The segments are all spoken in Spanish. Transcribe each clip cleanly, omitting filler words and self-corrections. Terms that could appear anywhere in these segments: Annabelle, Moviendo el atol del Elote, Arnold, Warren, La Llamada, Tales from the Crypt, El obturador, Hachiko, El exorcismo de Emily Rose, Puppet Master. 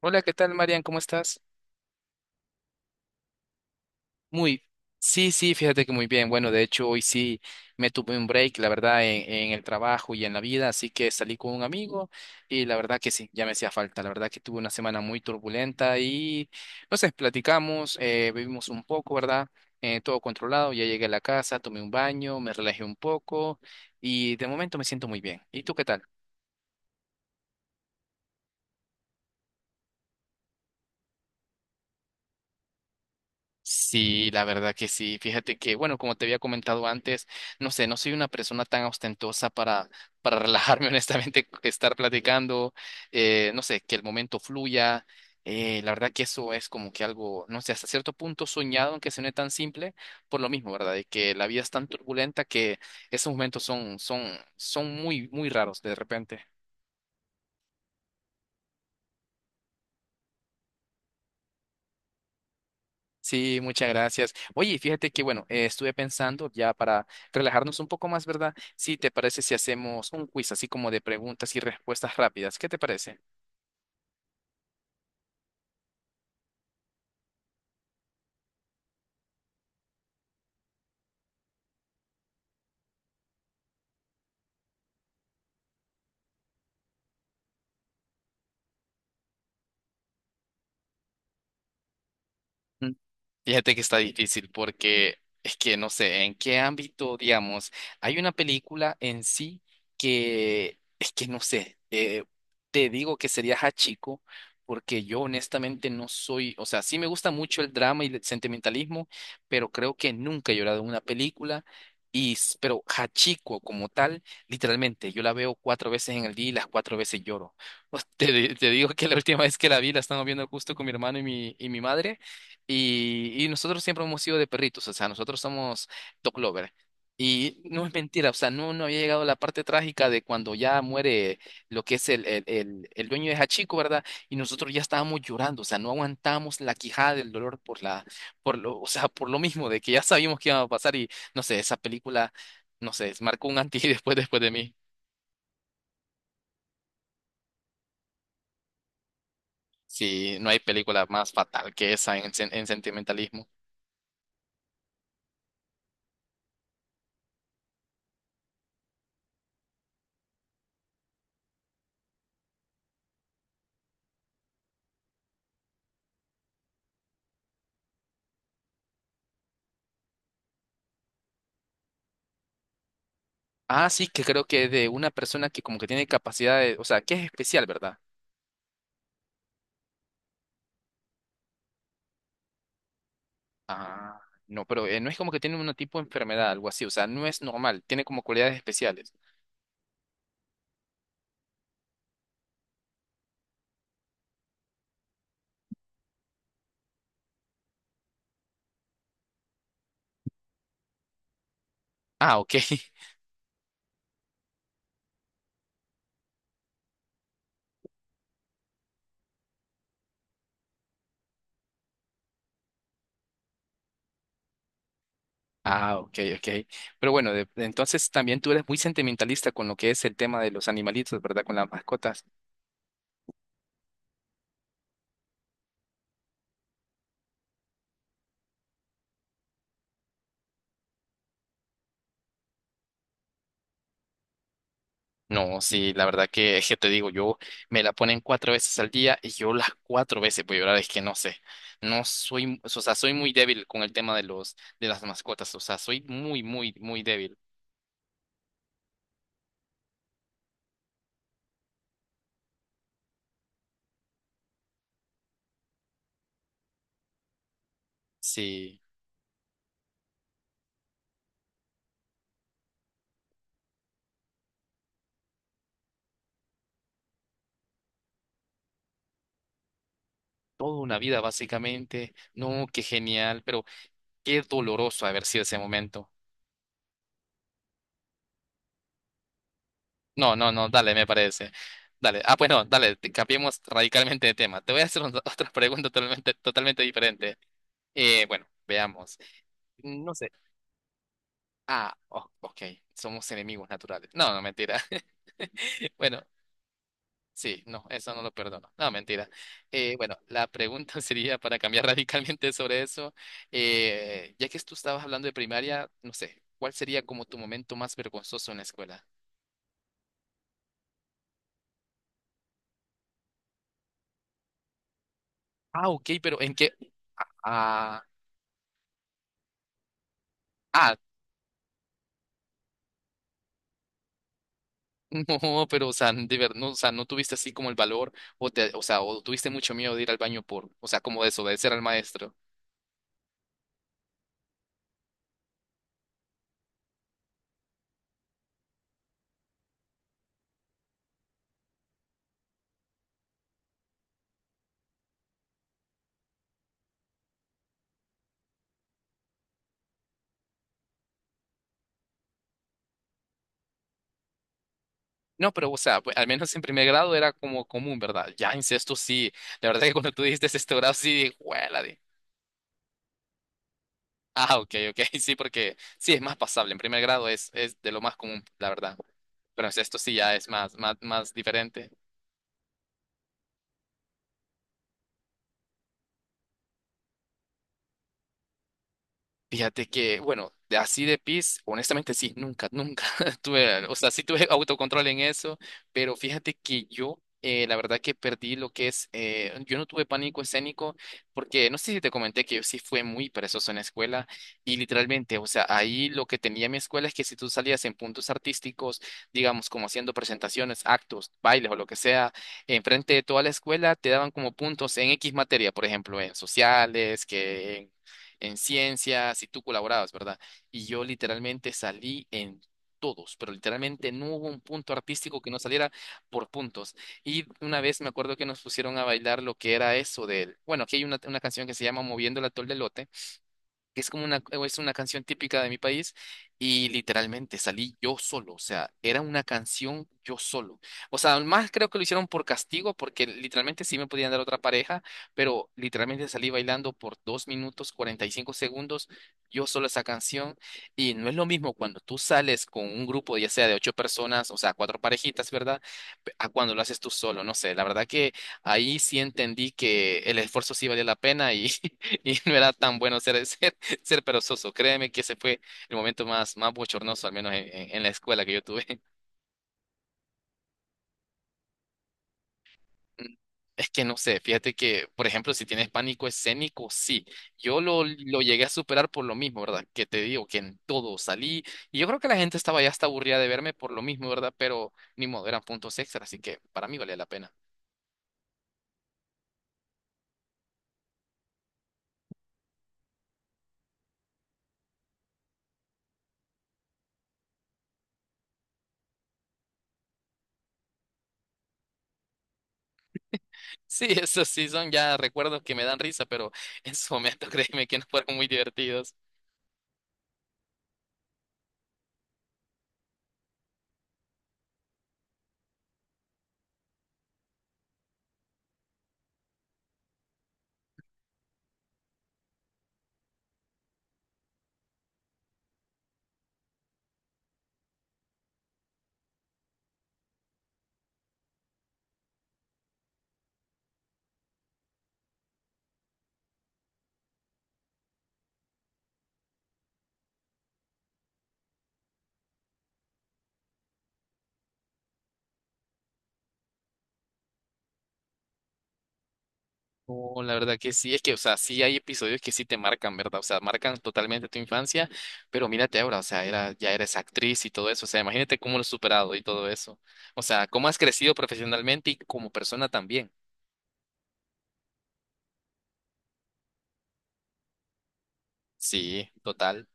Hola, ¿qué tal, Marian? ¿Cómo estás? Muy, sí, sí, fíjate que muy bien. Bueno, de hecho, hoy sí me tuve un break, la verdad, en el trabajo y en la vida, así que salí con un amigo y la verdad que sí, ya me hacía falta. La verdad que tuve una semana muy turbulenta y, no sé, platicamos, vivimos un poco, ¿verdad? Todo controlado, ya llegué a la casa, tomé un baño, me relajé un poco y de momento me siento muy bien. ¿Y tú qué tal? Sí, la verdad que sí. Fíjate que, bueno, como te había comentado antes, no sé, no soy una persona tan ostentosa para relajarme, honestamente, estar platicando, no sé, que el momento fluya. La verdad que eso es como que algo, no sé, hasta cierto punto soñado, aunque suene tan simple, por lo mismo, ¿verdad? De que la vida es tan turbulenta que esos momentos son muy, muy raros de repente. Sí, muchas gracias. Oye, fíjate que, bueno, estuve pensando ya para relajarnos un poco más, ¿verdad? Sí, ¿te parece si hacemos un quiz así como de preguntas y respuestas rápidas? ¿Qué te parece? Mm. Fíjate que está difícil porque es que no sé en qué ámbito, digamos, hay una película en sí que es que no sé, te digo que sería Hachiko porque yo honestamente no soy, o sea, sí me gusta mucho el drama y el sentimentalismo, pero creo que nunca he llorado en una película. Pero Hachiko como tal, literalmente, yo la veo cuatro veces en el día y las cuatro veces lloro. Te digo que la última vez que la vi, la estábamos viendo justo con mi hermano y mi madre. Y nosotros siempre hemos sido de perritos, o sea, nosotros somos dog lover. Y no es mentira, o sea, no, no había llegado la parte trágica de cuando ya muere lo que es el dueño de Hachiko, ¿verdad? Y nosotros ya estábamos llorando, o sea, no aguantamos la quijada del dolor por lo, o sea, por lo mismo de que ya sabíamos que iba a pasar y no sé, esa película, no sé, marcó un antes y después de mí. Sí, no hay película más fatal que esa en sentimentalismo. Ah, sí, que creo que de una persona que como que tiene capacidad de, o sea, que es especial, ¿verdad? Ah, no, pero no es como que tiene un tipo de enfermedad, algo así, o sea, no es normal, tiene como cualidades especiales. Ah, ok. Ah, ok, ok. Pero bueno, entonces también tú eres muy sentimentalista con lo que es el tema de los animalitos, ¿verdad? Con las mascotas. No, sí, la verdad que, es que te digo, yo me la ponen cuatro veces al día y yo las cuatro veces voy a llorar, es que no sé, no soy, o sea, soy muy débil con el tema de las mascotas, o sea, soy muy, muy, muy débil. Sí, toda una vida básicamente, no, qué genial, pero qué doloroso haber sido ese momento. No, no, no, dale, me parece. Dale, ah, pues no, dale, cambiemos radicalmente de tema. Te voy a hacer otra otra pregunta totalmente, totalmente diferente. Bueno, veamos. No sé. Ah, oh, ok, somos enemigos naturales. No, no, mentira. Bueno, sí, no, eso no lo perdono. No, mentira. Bueno, la pregunta sería para cambiar radicalmente sobre eso. Ya que tú estabas hablando de primaria, no sé, ¿cuál sería como tu momento más vergonzoso en la escuela? Ah, ok, pero ¿en qué? Ah, ah, no, pero o sea, no, o sea, no tuviste así como el valor o sea, o tuviste mucho miedo de ir al baño por, o sea, como desobedecer al maestro. No, pero o sea, pues, al menos en primer grado era como común, ¿verdad? Ya en sexto sí. La verdad que cuando tú dijiste sexto grado sí, dije, "Juela de-". Ah, ok, ok, sí, porque sí es más pasable. En primer grado es de lo más común, la verdad. Pero en sexto sí ya es más, más, más diferente. Fíjate que, bueno, así de pis, honestamente sí, nunca, nunca tuve, o sea, sí tuve autocontrol en eso, pero fíjate que yo, la verdad que perdí lo que es, yo no tuve pánico escénico, porque no sé si te comenté que yo sí fui muy perezoso en la escuela y literalmente, o sea, ahí lo que tenía mi escuela es que si tú salías en puntos artísticos, digamos, como haciendo presentaciones, actos, bailes o lo que sea, enfrente de toda la escuela, te daban como puntos en X materia, por ejemplo, en sociales, que en ciencias y tú colaborabas, ¿verdad? Y yo literalmente salí en todos, pero literalmente no hubo un punto artístico que no saliera por puntos. Y una vez me acuerdo que nos pusieron a bailar lo que era eso del, bueno, aquí hay una canción que se llama Moviendo el atol del Elote, que es es una canción típica de mi país, y literalmente salí yo solo, o sea, era una canción yo solo. O sea, más creo que lo hicieron por castigo, porque literalmente sí me podían dar otra pareja, pero literalmente salí bailando por 2 minutos 45 segundos yo solo esa canción, y no es lo mismo cuando tú sales con un grupo, ya sea de ocho personas, o sea, cuatro parejitas, ¿verdad? A cuando lo haces tú solo, no sé, la verdad que ahí sí entendí que el esfuerzo sí valía la pena y, y no era tan bueno hacer eso ser perezoso. Créeme que ese fue el momento más, más bochornoso, al menos en la escuela que yo tuve. Es que no sé, fíjate que, por ejemplo, si tienes pánico escénico, sí. Yo lo llegué a superar por lo mismo, ¿verdad? Que te digo que en todo salí. Y yo creo que la gente estaba ya hasta aburrida de verme por lo mismo, ¿verdad? Pero ni modo, eran puntos extra, así que para mí valía la pena. Sí, esos sí son ya recuerdos que me dan risa, pero en su momento créeme que no fueron muy divertidos. Oh la verdad que sí, es que, o sea, sí hay episodios que sí te marcan, ¿verdad? O sea, marcan totalmente tu infancia, pero mírate ahora, o sea, ya eres actriz y todo eso, o sea, imagínate cómo lo has superado y todo eso. O sea, cómo has crecido profesionalmente y como persona también. Sí, total.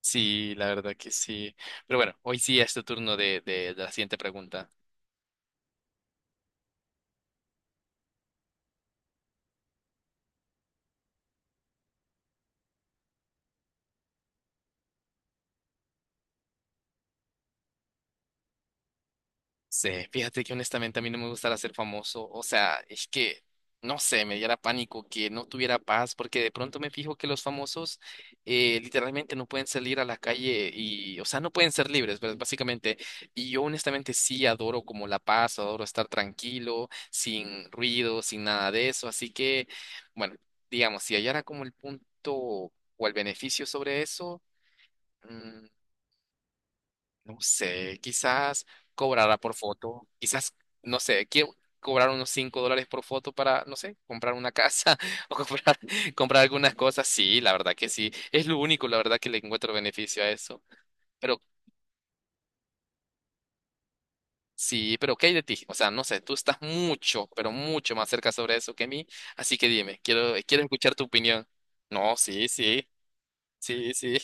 Sí, la verdad que sí. Pero bueno, hoy sí es tu turno de, la siguiente pregunta. Sí, fíjate que honestamente a mí no me gustaría ser famoso, o sea, es que, no sé, me diera pánico que no tuviera paz, porque de pronto me fijo que los famosos literalmente no pueden salir a la calle y, o sea, no pueden ser libres, ¿verdad? Básicamente, y yo honestamente sí adoro como la paz, adoro estar tranquilo, sin ruido, sin nada de eso, así que, bueno, digamos, si hallara como el punto o el beneficio sobre eso. mm, no sé, quizás cobrará por foto, quizás, no sé, quiero cobrar unos $5 por foto para, no sé, comprar una casa o comprar, comprar algunas cosas. Sí, la verdad que sí, es lo único, la verdad que le encuentro beneficio a eso. Pero sí, pero ¿qué hay de ti? O sea, no sé, tú estás mucho, pero mucho más cerca sobre eso que mí, así que dime, quiero escuchar tu opinión. No, sí, sí, sí, sí.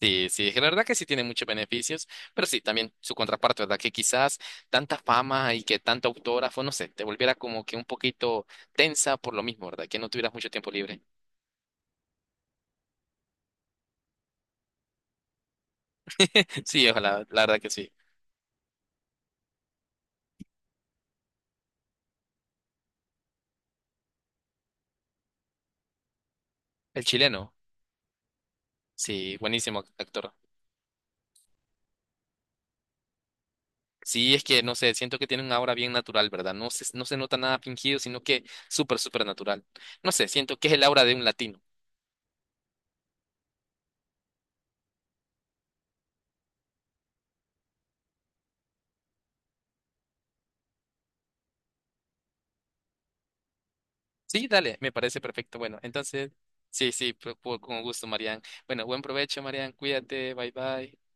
Sí, sí, la verdad que sí tiene muchos beneficios, pero sí, también su contraparte, ¿verdad? Que quizás tanta fama y que tanta autora fue, no sé, te volviera como que un poquito tensa por lo mismo, ¿verdad? Que no tuvieras mucho tiempo libre. Sí, ojalá, la verdad que sí. El chileno, sí, buenísimo actor. Sí, es que, no sé, siento que tiene una aura bien natural, ¿verdad? No se nota nada fingido, sino que súper, súper natural. No sé, siento que es el aura de un latino. Sí, dale, me parece perfecto. Bueno, entonces, sí, sí, con gusto, Marian. Bueno, buen provecho, Marian. Cuídate, bye bye.